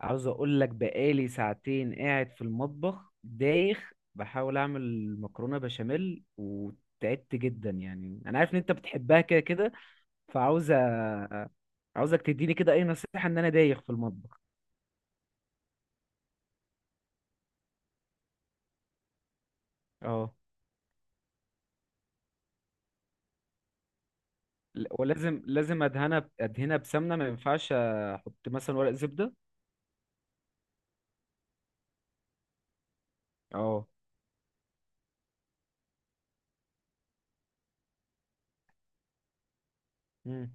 عاوز اقول لك، بقالي ساعتين قاعد في المطبخ دايخ بحاول اعمل مكرونه بشاميل وتعبت جدا. يعني انا عارف ان انت بتحبها كده كده. فعاوز أ- عاوزك تديني كده اي نصيحه، ان انا دايخ في المطبخ. اه. ولازم لازم ادهنها ادهنها بسمنه، ما ينفعش احط مثلا ورق زبده؟ اه. مم.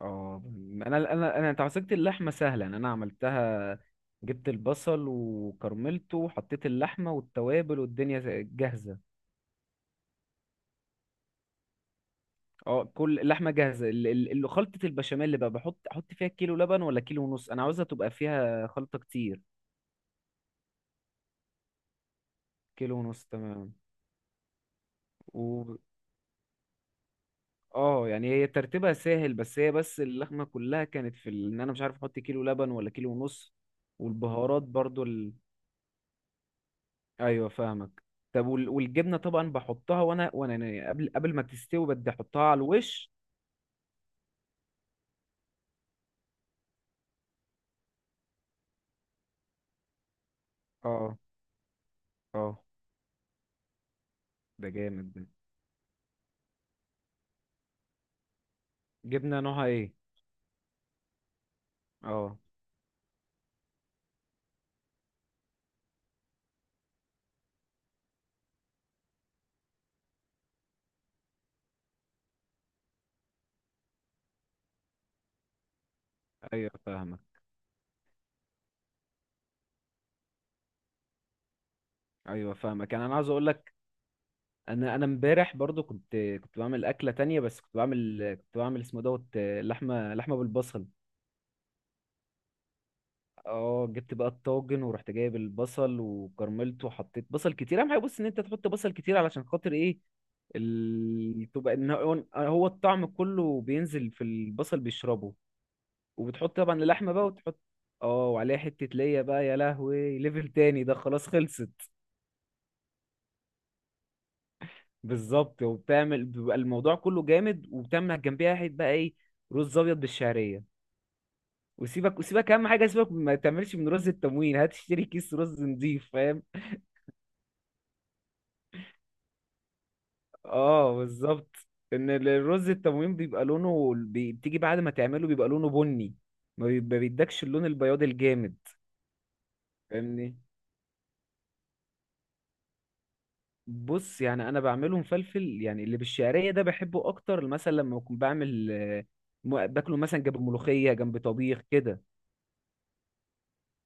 اه. انا تعصيجة اللحمه سهله، يعني انا عملتها. جبت البصل وكرملته وحطيت اللحمه والتوابل والدنيا جاهزه. اه، كل اللحمه جاهزه. اللي خلطه البشاميل اللي بقى، بحط احط فيها كيلو لبن ولا كيلو ونص؟ انا عاوزها تبقى فيها خلطه كتير. كيلو ونص، تمام. و اه يعني هي ترتيبها سهل، بس هي اللحمه كلها كانت في ان انا مش عارف احط كيلو لبن ولا كيلو ونص. والبهارات برضو. ايوه فاهمك. طب والجبنه طبعا بحطها، وانا يعني قبل ما تستوي بدي احطها على الوش. اه. اه. ده جامد ده. جبنه نوعها ايه؟ اه. ايوه فاهمك. ايوه فاهمك. يعني انا عاوز اقول لك، انا امبارح برضو كنت بعمل اكله تانية، بس كنت بعمل اسمه دوت لحمه بالبصل. اه، جبت بقى الطاجن ورحت جايب البصل وكرملته وحطيت بصل كتير. اهم حاجه، بص، ان انت تحط بصل كتير. علشان خاطر ايه؟ تبقى ان هو هو الطعم كله بينزل في البصل، بيشربه. وبتحط طبعا اللحمه بقى وتحط، اه، وعليها حته ليا بقى، يا لهوي، ليفل تاني ده، خلاص خلصت. بالظبط. وبتعمل بيبقى الموضوع كله جامد، وبتعمل جنبيها حته بقى ايه؟ رز ابيض بالشعريه. وسيبك، اهم حاجه سيبك ما تعملش من رز التموين، هات اشتري كيس رز نضيف، فاهم؟ اه بالظبط. ان الرز التموين بيبقى لونه، بتيجي بعد ما تعمله بيبقى لونه بني. ما بيدكش اللون البياض الجامد. فاهمني. بص، يعني انا بعمله مفلفل، يعني اللي بالشعريه ده بحبه اكتر مثلا لما اكون بعمل باكله مثلا جنب ملوخيه، جنب طبيخ كده.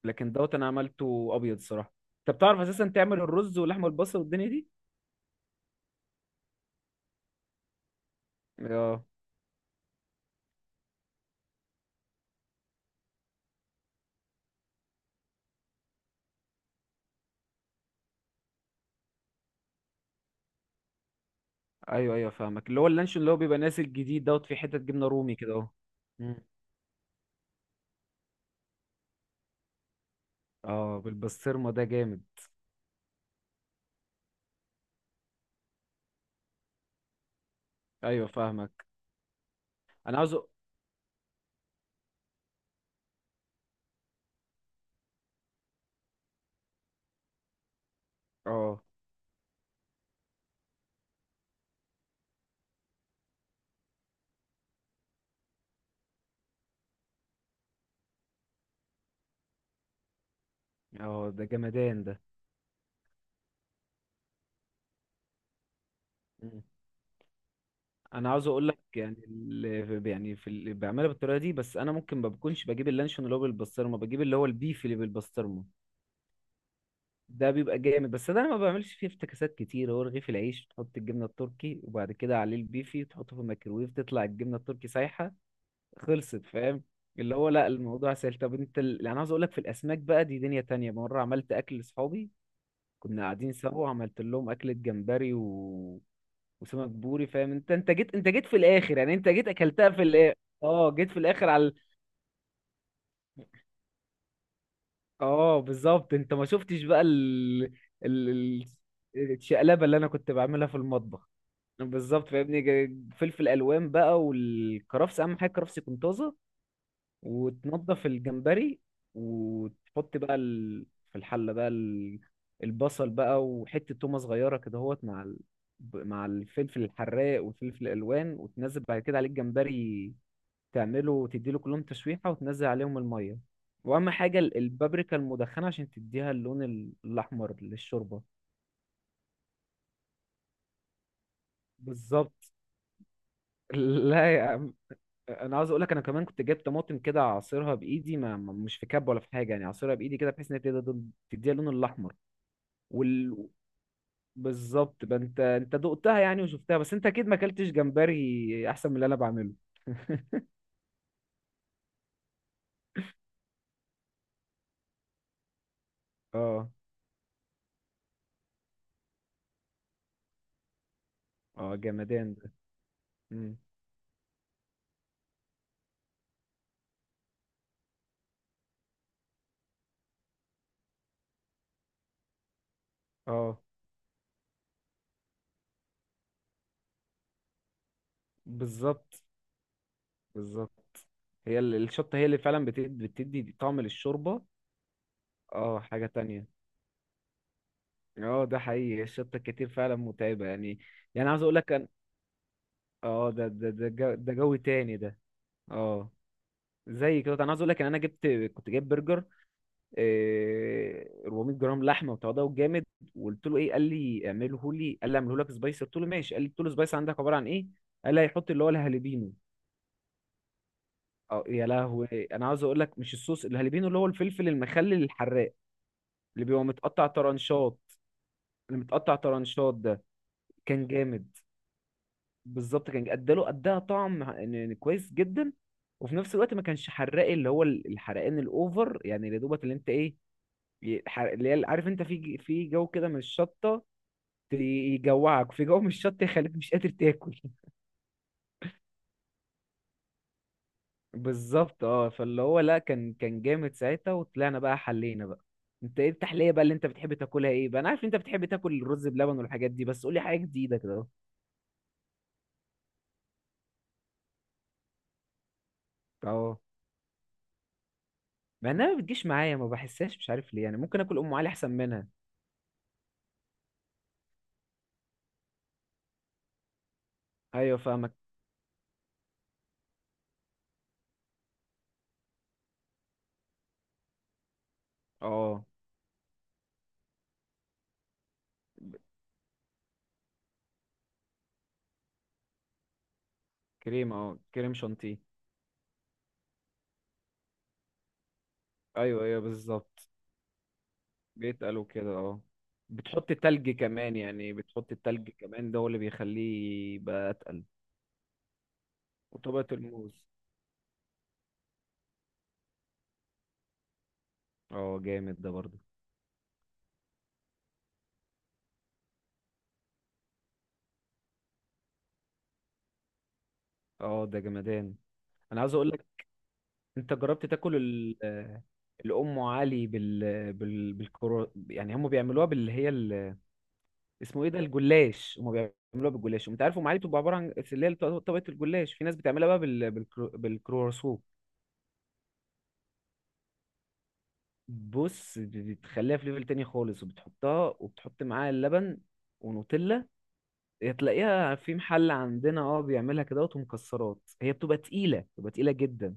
لكن دوت انا عملته ابيض صراحه. انت بتعرف اساسا تعمل الرز واللحمه البصل والدنيا دي؟ اه. ايوه ايوه فاهمك. اللي هو اللانشون اللي هو بيبقى نازل جديد دوت فيه حته جبنه رومي كده اهو. مم. اه. بالبسطرمه ده جامد. ايوه فاهمك. انا عاوز أ- اه. اه، ده جمدان ده. مم. انا عاوز اقول لك، يعني اللي يعني في اللي بعملها بالطريقه دي، بس انا ممكن ما بكونش بجيب اللانشون اللي هو بالبسطرمه، بجيب اللي هو البيف اللي بالبسطرمه. ده بيبقى جامد. بس ده انا ما بعملش فيه افتكاسات كتير. هو رغيف العيش تحط الجبنه التركي وبعد كده عليه البيفي، تحطه في الميكرويف، تطلع الجبنه التركي سايحه، خلصت، فاهم؟ اللي هو لا، الموضوع سهل. طب انت يعني انا عاوز اقول لك، في الاسماك بقى دي دنيا تانية. مره عملت اكل لاصحابي، كنا قاعدين سوا وعملت لهم اكلة جمبري و... وسمك بوري، فاهم؟ انت جيت في الاخر، يعني انت جيت اكلتها في الاخر. اه جيت في الاخر على اه بالظبط. انت ما شفتش بقى ال... الشقلبة اللي انا كنت بعملها في المطبخ. بالظبط فاهمني. فلفل الوان بقى والكرفس، اهم حاجه الكرفس يكون طازه، وتنضف الجمبري وتحط بقى ال... في الحلة بقى ال... البصل بقى وحتة تومة صغيرة كده اهوت مع ال... مع الفلفل الحراق والفلفل الألوان، وتنزل بعد كده عليه الجمبري، تعمله تديله كلهم تشويحة وتنزل عليهم المية. وأهم حاجة البابريكا المدخنة عشان تديها اللون الأحمر للشوربة. بالظبط. لا يا عم. انا عاوز اقول لك، انا كمان كنت جايب طماطم كده اعصرها بايدي، مش في كب ولا في حاجه، يعني اعصرها بايدي كده بحيث ان هي تديها تديها اللون الاحمر. وال... بالظبط بقى. انت دقتها يعني وشفتها، بس انت اكيد ما اكلتش جمبري احسن من اللي انا بعمله. اه. اه جمدان ده. مم. اه بالظبط. بالظبط. هي الشطه هي اللي فعلا بتدي طعم للشوربه. اه، حاجه تانية. اه ده حقيقي، الشطه الكتير فعلا متعبه يعني. يعني عاوز اقول لك اه. ده جو، ده جو تاني ده. اه. زي كده انا عاوز اقول لك ان انا جبت، كنت جايب برجر إيه 400 جرام لحمه، وتواضعه جامد. وقلت له ايه؟ قال لي اعمله لي، قال لي اعمله لك سبايسي، قلت له ماشي. قال لي، قلت له سبايسي عندك عباره عن ايه؟ قال لي هيحط اللي هو الهالبينو. اه يا لهوي. انا عاوز اقول لك، مش الصوص، الهالبينو اللي هو الفلفل المخلل الحراق، اللي بيبقى متقطع طرنشات، اللي متقطع طرنشات ده. كان جامد. بالظبط. كان اداها طعم كويس جدا. وفي نفس الوقت ما كانش حراق، اللي هو الحرقان الاوفر. يعني يا دوبك، اللي انت ايه، اللي هي، عارف انت في في جو كده من الشطه، يجوعك في جو من الشطه، يخليك مش قادر تاكل. بالظبط. اه فاللي هو لا، كان جامد ساعتها. وطلعنا بقى، حلينا بقى. انت ايه التحليه بقى اللي انت بتحب تاكلها ايه بقى؟ انا عارف انت بتحب تاكل الرز بلبن والحاجات دي، بس قولي حاجه جديده كده اهو. اه، مع انها ما بتجيش معايا، ما بحسهاش، مش عارف ليه. يعني ممكن اكل ام علي احسن منها. ايوه فاهمك. اه اه كريم شانتيه. ايوه ايوه بالظبط. بيتقالوا كده، اه. بتحط تلج كمان، يعني بتحط التلج كمان ده هو اللي بيخليه يبقى اتقل. وطبقة الموز. اه جامد ده برضه. اه ده جمدان. انا عاوز اقول لك، انت جربت تاكل ال الام علي بال بال بالكرو يعني هم بيعملوها باللي هي اسمه ايه ده، الجلاش. هم بيعملوها بالجلاش. وانت عارف ام علي بتبقى عباره عن اللي هي طبقه الجلاش. في ناس بتعملها بقى بالكرواسون. بص بتخليها في ليفل تاني خالص، وبتحطها وبتحط معاها اللبن ونوتيلا. هي تلاقيها في محل عندنا، اه بيعملها كده ومكسرات. هي بتبقى تقيلة، بتبقى تقيلة جدا.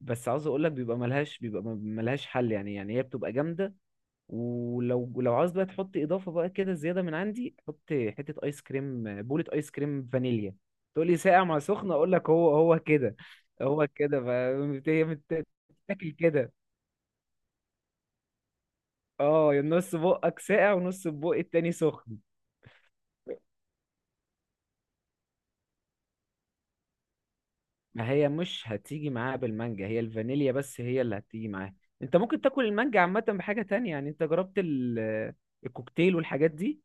بس عاوز اقول لك بيبقى ملهاش، بيبقى ملهاش حل، يعني هي بتبقى جامدة. ولو عاوز بقى تحط اضافة بقى كده زيادة من عندي، حط حتة ايس كريم، بولة ايس كريم فانيليا. تقول لي ساقع مع سخنة، اقول لك هو هو كده، هو كده. هي بتتاكل كده. اه، يا نص بقك ساقع ونص بقى التاني سخن. ما هي مش هتيجي معاها بالمانجا، هي الفانيليا بس هي اللي هتيجي معاها. انت ممكن تاكل المانجا عامة بحاجة تانية. يعني انت جربت الكوكتيل والحاجات دي؟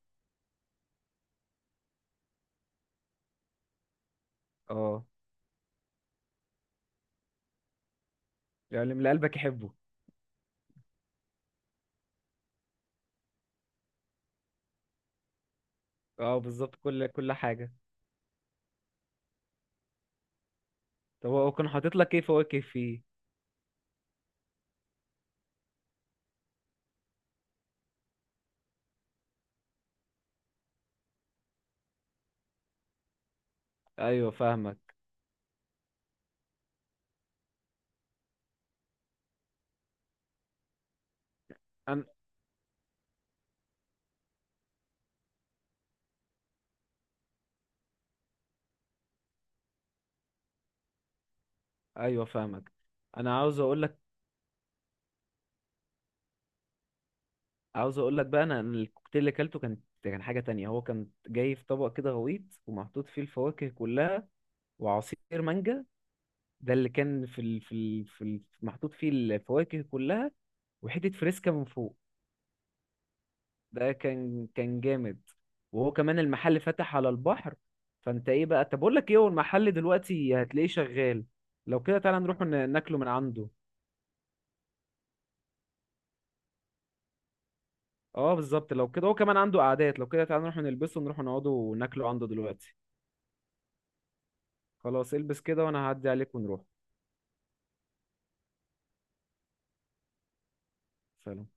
اه، يعني من اللي قلبك يحبه. اه بالظبط، كل حاجة. طب هو كان حاطط لك ايه فواكه فيه؟ ايوه فاهمك. انا ايوه فاهمك. انا عاوز اقول لك، عاوز اقول لك بقى، انا الكوكتيل اللي اكلته كان، كان حاجة تانية. هو كان جاي في طبق كده غويط، ومحطوط فيه الفواكه كلها وعصير مانجا. ده اللي كان في محطوط فيه الفواكه كلها. وحتة فريسكا من فوق. ده كان جامد. وهو كمان المحل فتح على البحر. فانت ايه بقى؟ طب اقول لك ايه، هو المحل دلوقتي هتلاقيه شغال. لو كده تعالى نروح ناكله من عنده. اه بالظبط. لو كده هو كمان عنده قعدات. لو كده تعالى نروح نلبسه ونروح نقعده وناكله عنده دلوقتي. خلاص. البس كده وانا هعدي عليك ونروح. سلام.